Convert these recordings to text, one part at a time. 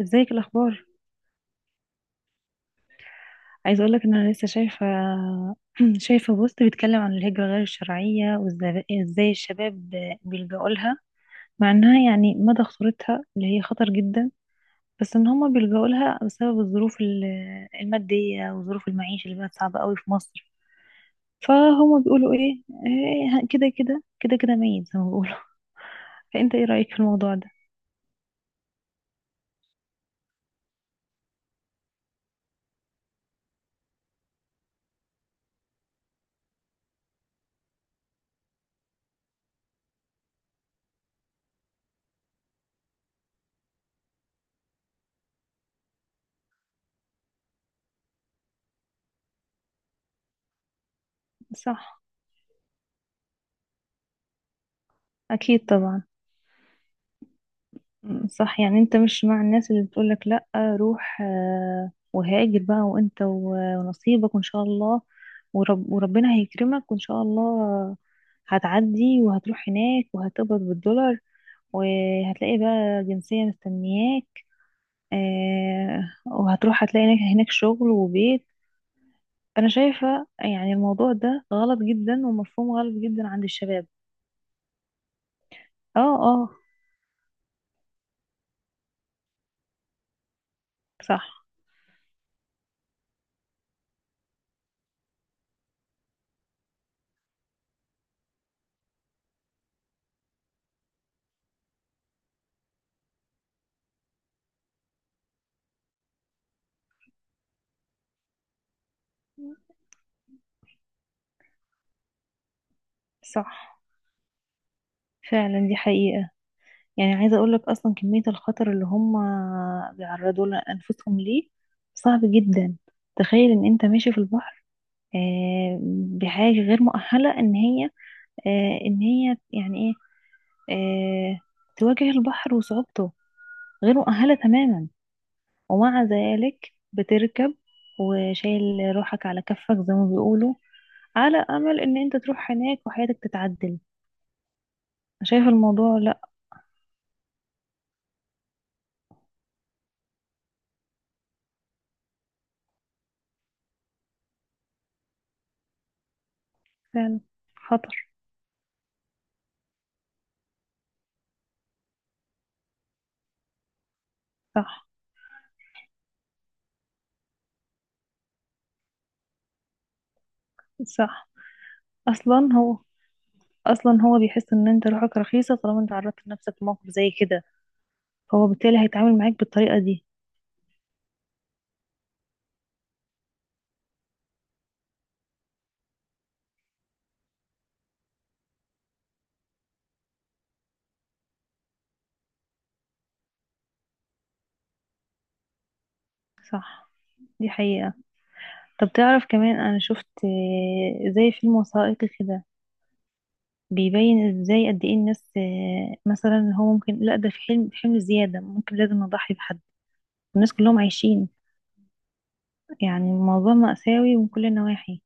ازيك الاخبار؟ عايزه اقولك ان انا لسه شايفه شايفه بوست بيتكلم عن الهجره غير الشرعيه وازاي إزاي الشباب بيلجأوا لها، مع انها يعني مدى خطورتها اللي هي خطر جدا، بس ان هما بيلجأوا لها بسبب الظروف الماديه وظروف المعيشه اللي بقت صعبه قوي في مصر. فهما بيقولوا إيه، كده كده ميت زي ما بيقولوا. فانت ايه رايك في الموضوع ده؟ صح. اكيد طبعا. صح، يعني انت مش مع الناس اللي بتقولك لأ روح، وهاجر بقى وانت ونصيبك وان شاء الله، وربنا هيكرمك وان شاء الله هتعدي وهتروح هناك وهتقبض بالدولار، وهتلاقي بقى جنسية مستنياك، آه، وهتروح هتلاقي هناك شغل وبيت. انا شايفة يعني الموضوع ده غلط جدا ومفهوم غلط جدا عند الشباب. اه اه. صح. صح فعلا، دي حقيقة. يعني عايزة اقول لك اصلا كمية الخطر اللي هم بيعرضوا لانفسهم ليه صعب جدا. تخيل ان انت ماشي في البحر، آه، بحاجة غير مؤهلة ان هي ان هي يعني ايه، آه، تواجه البحر وصعوبته، غير مؤهلة تماما، ومع ذلك بتركب وشايل روحك على كفك زي ما بيقولوا، على امل ان انت تروح هناك وحياتك تتعدل. شايف الموضوع؟ لا فعلا خطر. صح. صح. اصلا هو اصلا هو بيحس ان انت روحك رخيصة طالما انت عرضت نفسك لموقف زي كده، فهو بالتالي هيتعامل معاك بالطريقة دي. صح، دي حقيقة. طب تعرف كمان انا شفت زي فيلم وثائقي كده بيبين ازاي قد ايه الناس، مثلا هو ممكن لا ده في حلم في حمل زيادة ممكن لازم نضحي بحد، الناس كلهم عايشين. يعني الموضوع مأساوي من كل النواحي.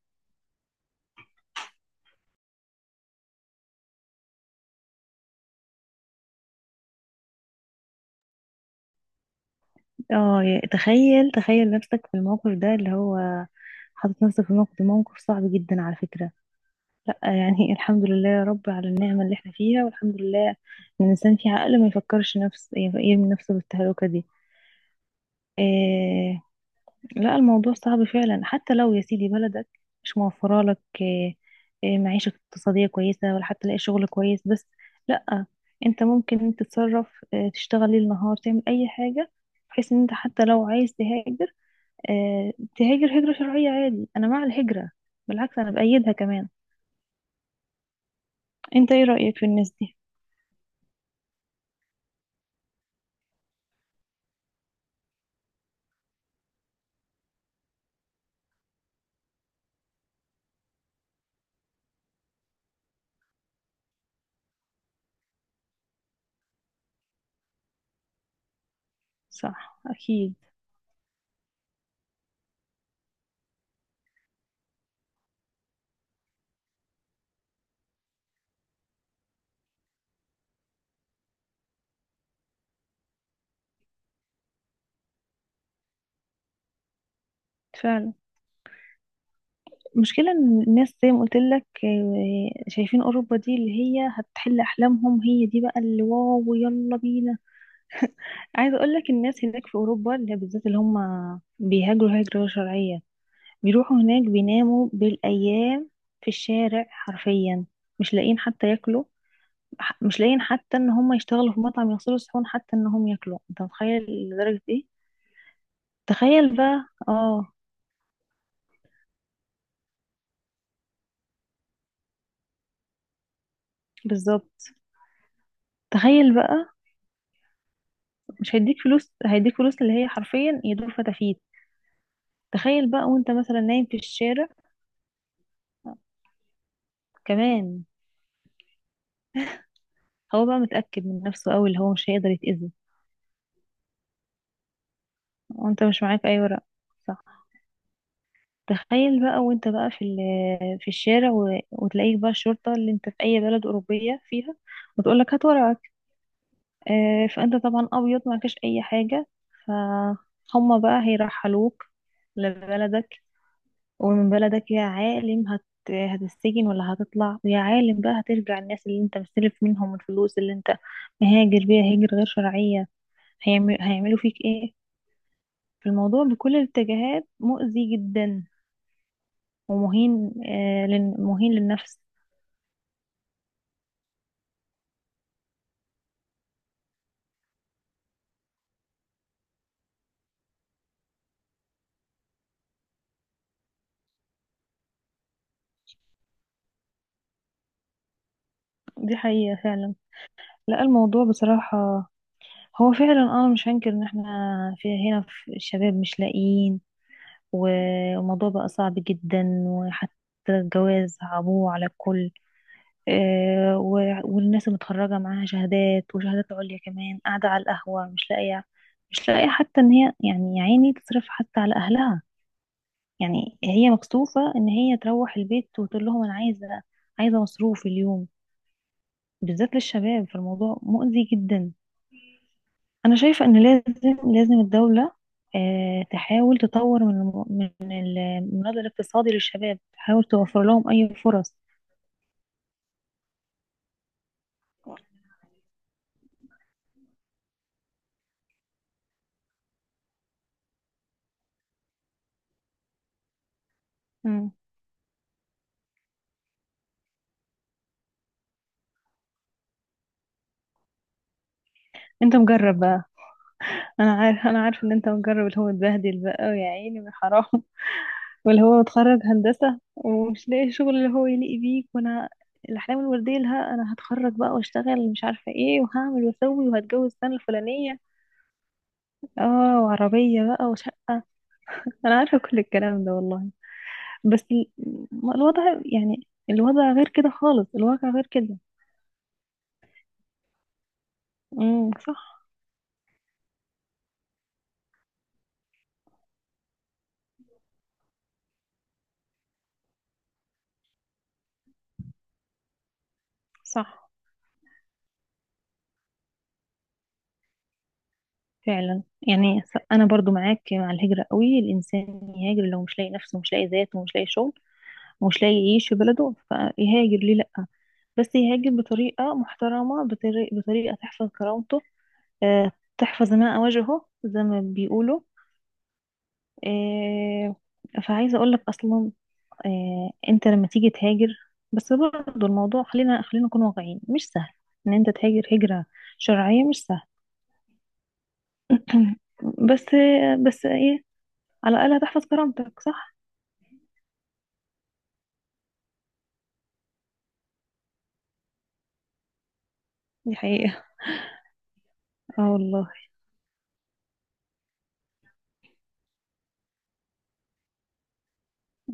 اه تخيل تخيل نفسك في الموقف ده، اللي هو حاطط نفسك في موقف ده، موقف صعب جدا على فكرة. لا يعني الحمد لله يا رب على النعمة اللي احنا فيها، والحمد لله ان الانسان في عقل ما يفكرش نفس يرمي نفسه بالتهلكة دي. إيه؟ لا الموضوع صعب فعلا، حتى لو يا سيدي بلدك مش موفرة لك إيه، إيه معيشة اقتصادية كويسة ولا حتى تلاقي شغل كويس، بس لا انت ممكن تتصرف إيه، تشتغل ليل نهار، تعمل اي حاجة، بحيث ان انت حتى لو عايز تهاجر إيه تهاجر هجرة شرعية عادي. انا مع الهجرة، بالعكس انا بأيدها كمان. انت ايه رأيك في الناس دي؟ صح أكيد. فعلا المشكلة إن الناس زي ما قلت لك، شايفين أوروبا دي اللي هي هتحل أحلامهم، هي دي بقى اللي واو يلا بينا. عايزة أقول لك الناس هناك في أوروبا اللي هي بالذات اللي هم بيهاجروا هجرة غير شرعية بيروحوا هناك بيناموا بالأيام في الشارع حرفيا، مش لاقيين حتى ياكلوا، مش لاقيين حتى إن هم يشتغلوا في مطعم يغسلوا الصحون حتى إن هم ياكلوا. أنت متخيل لدرجة إيه؟ تخيل بقى آه. بالظبط. تخيل بقى. مش هيديك فلوس، هيديك فلوس اللي هي حرفيا يدور فتافيت. تخيل بقى وانت مثلا نايم في الشارع، كمان هو بقى متأكد من نفسه قوي اللي هو مش هيقدر يتأذي، وانت مش معاك اي ورق. صح. تخيل بقى وانت بقى في الشارع وتلاقيك بقى الشرطة اللي انت في اي بلد أوروبية فيها وتقولك هات ورقك، آه فانت طبعا ابيض معكش اي حاجة، فهم بقى هيرحلوك لبلدك. ومن بلدك يا عالم هتسجن ولا هتطلع، ويا عالم بقى هترجع الناس اللي انت مستلف منهم الفلوس اللي انت مهاجر بيها هجرة غير شرعية هيعملوا فيك ايه. فالموضوع بكل الاتجاهات مؤذي جدا ومهين، آه لن... مهين للنفس. دي حقيقة فعلا. لا الموضوع بصراحة هو فعلا انا مش هنكر ان احنا في هنا في الشباب مش لاقيين، والموضوع بقى صعب جدا، وحتى الجواز صعبوه على الكل. والناس متخرجة معاها شهادات وشهادات عليا كمان قاعدة على القهوة مش لاقية، حتى ان هي يعني يا عيني تصرف حتى على اهلها، يعني هي مكسوفة ان هي تروح البيت وتقول لهم انا عايزة، عايزة مصروف اليوم، بالذات للشباب. فالموضوع مؤذي جدا. انا شايفة ان لازم لازم الدولة تحاول تطور من من المناضل الاقتصادي للشباب، تحاول توفر لهم اي فرص. مم. انت مجرب. انا عارف انا عارف ان انت مجرب اللي هو اتبهدل بقى، ويا عيني من حرام. واللي هو اتخرج هندسة ومش لاقي شغل اللي هو يليق بيك. وانا الاحلام الوردية لها، انا هتخرج بقى واشتغل مش عارفة ايه وهعمل واسوي وهتجوز السنة الفلانية. اه وعربية بقى وشقة. انا عارفة كل الكلام ده والله. بس ما الوضع، يعني الوضع غير كده خالص، الواقع غير كده. صح. صح فعلا. يعني انا برضو معاك مع الهجرة قوي. الانسان يهاجر لو مش لاقي نفسه مش لاقي ذاته ومش لاقي شغل مش لاقي يعيش في بلده فيهاجر، ليه لأ؟ بس يهاجر بطريقة محترمة، بطريقة تحفظ كرامته، آه، تحفظ ماء وجهه زي ما بيقولوا. آه، فعايزة أقولك أصلا أنت لما تيجي تهاجر، بس برضه الموضوع خلينا خلينا نكون واقعيين، مش سهل إن أنت تهاجر هجرة شرعية، مش سهل. بس بس إيه، على الأقل هتحفظ كرامتك، صح؟ دي حقيقة. اه والله.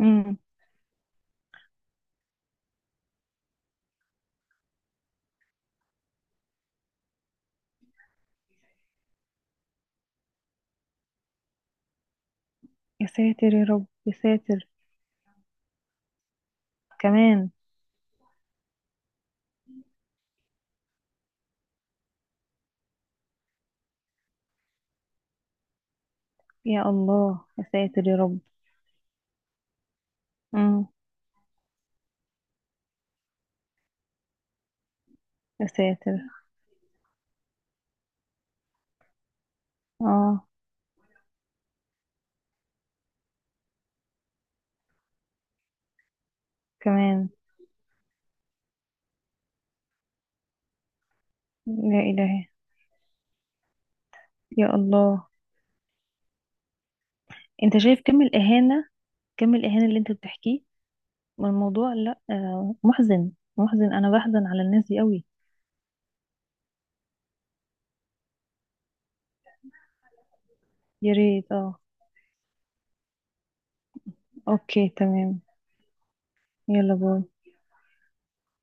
امم. يا ساتر يا رب يا ساتر. كمان. يا الله يا ساتر يا رب. امم. يا ساتر. اه. كمان. يا إلهي. يا الله. انت شايف كم الإهانة، اللي انت بتحكيه، والموضوع لا آه محزن، محزن انا بحزن على الناس دي قوي. يا ريت اه. اوكي تمام. يلا باي.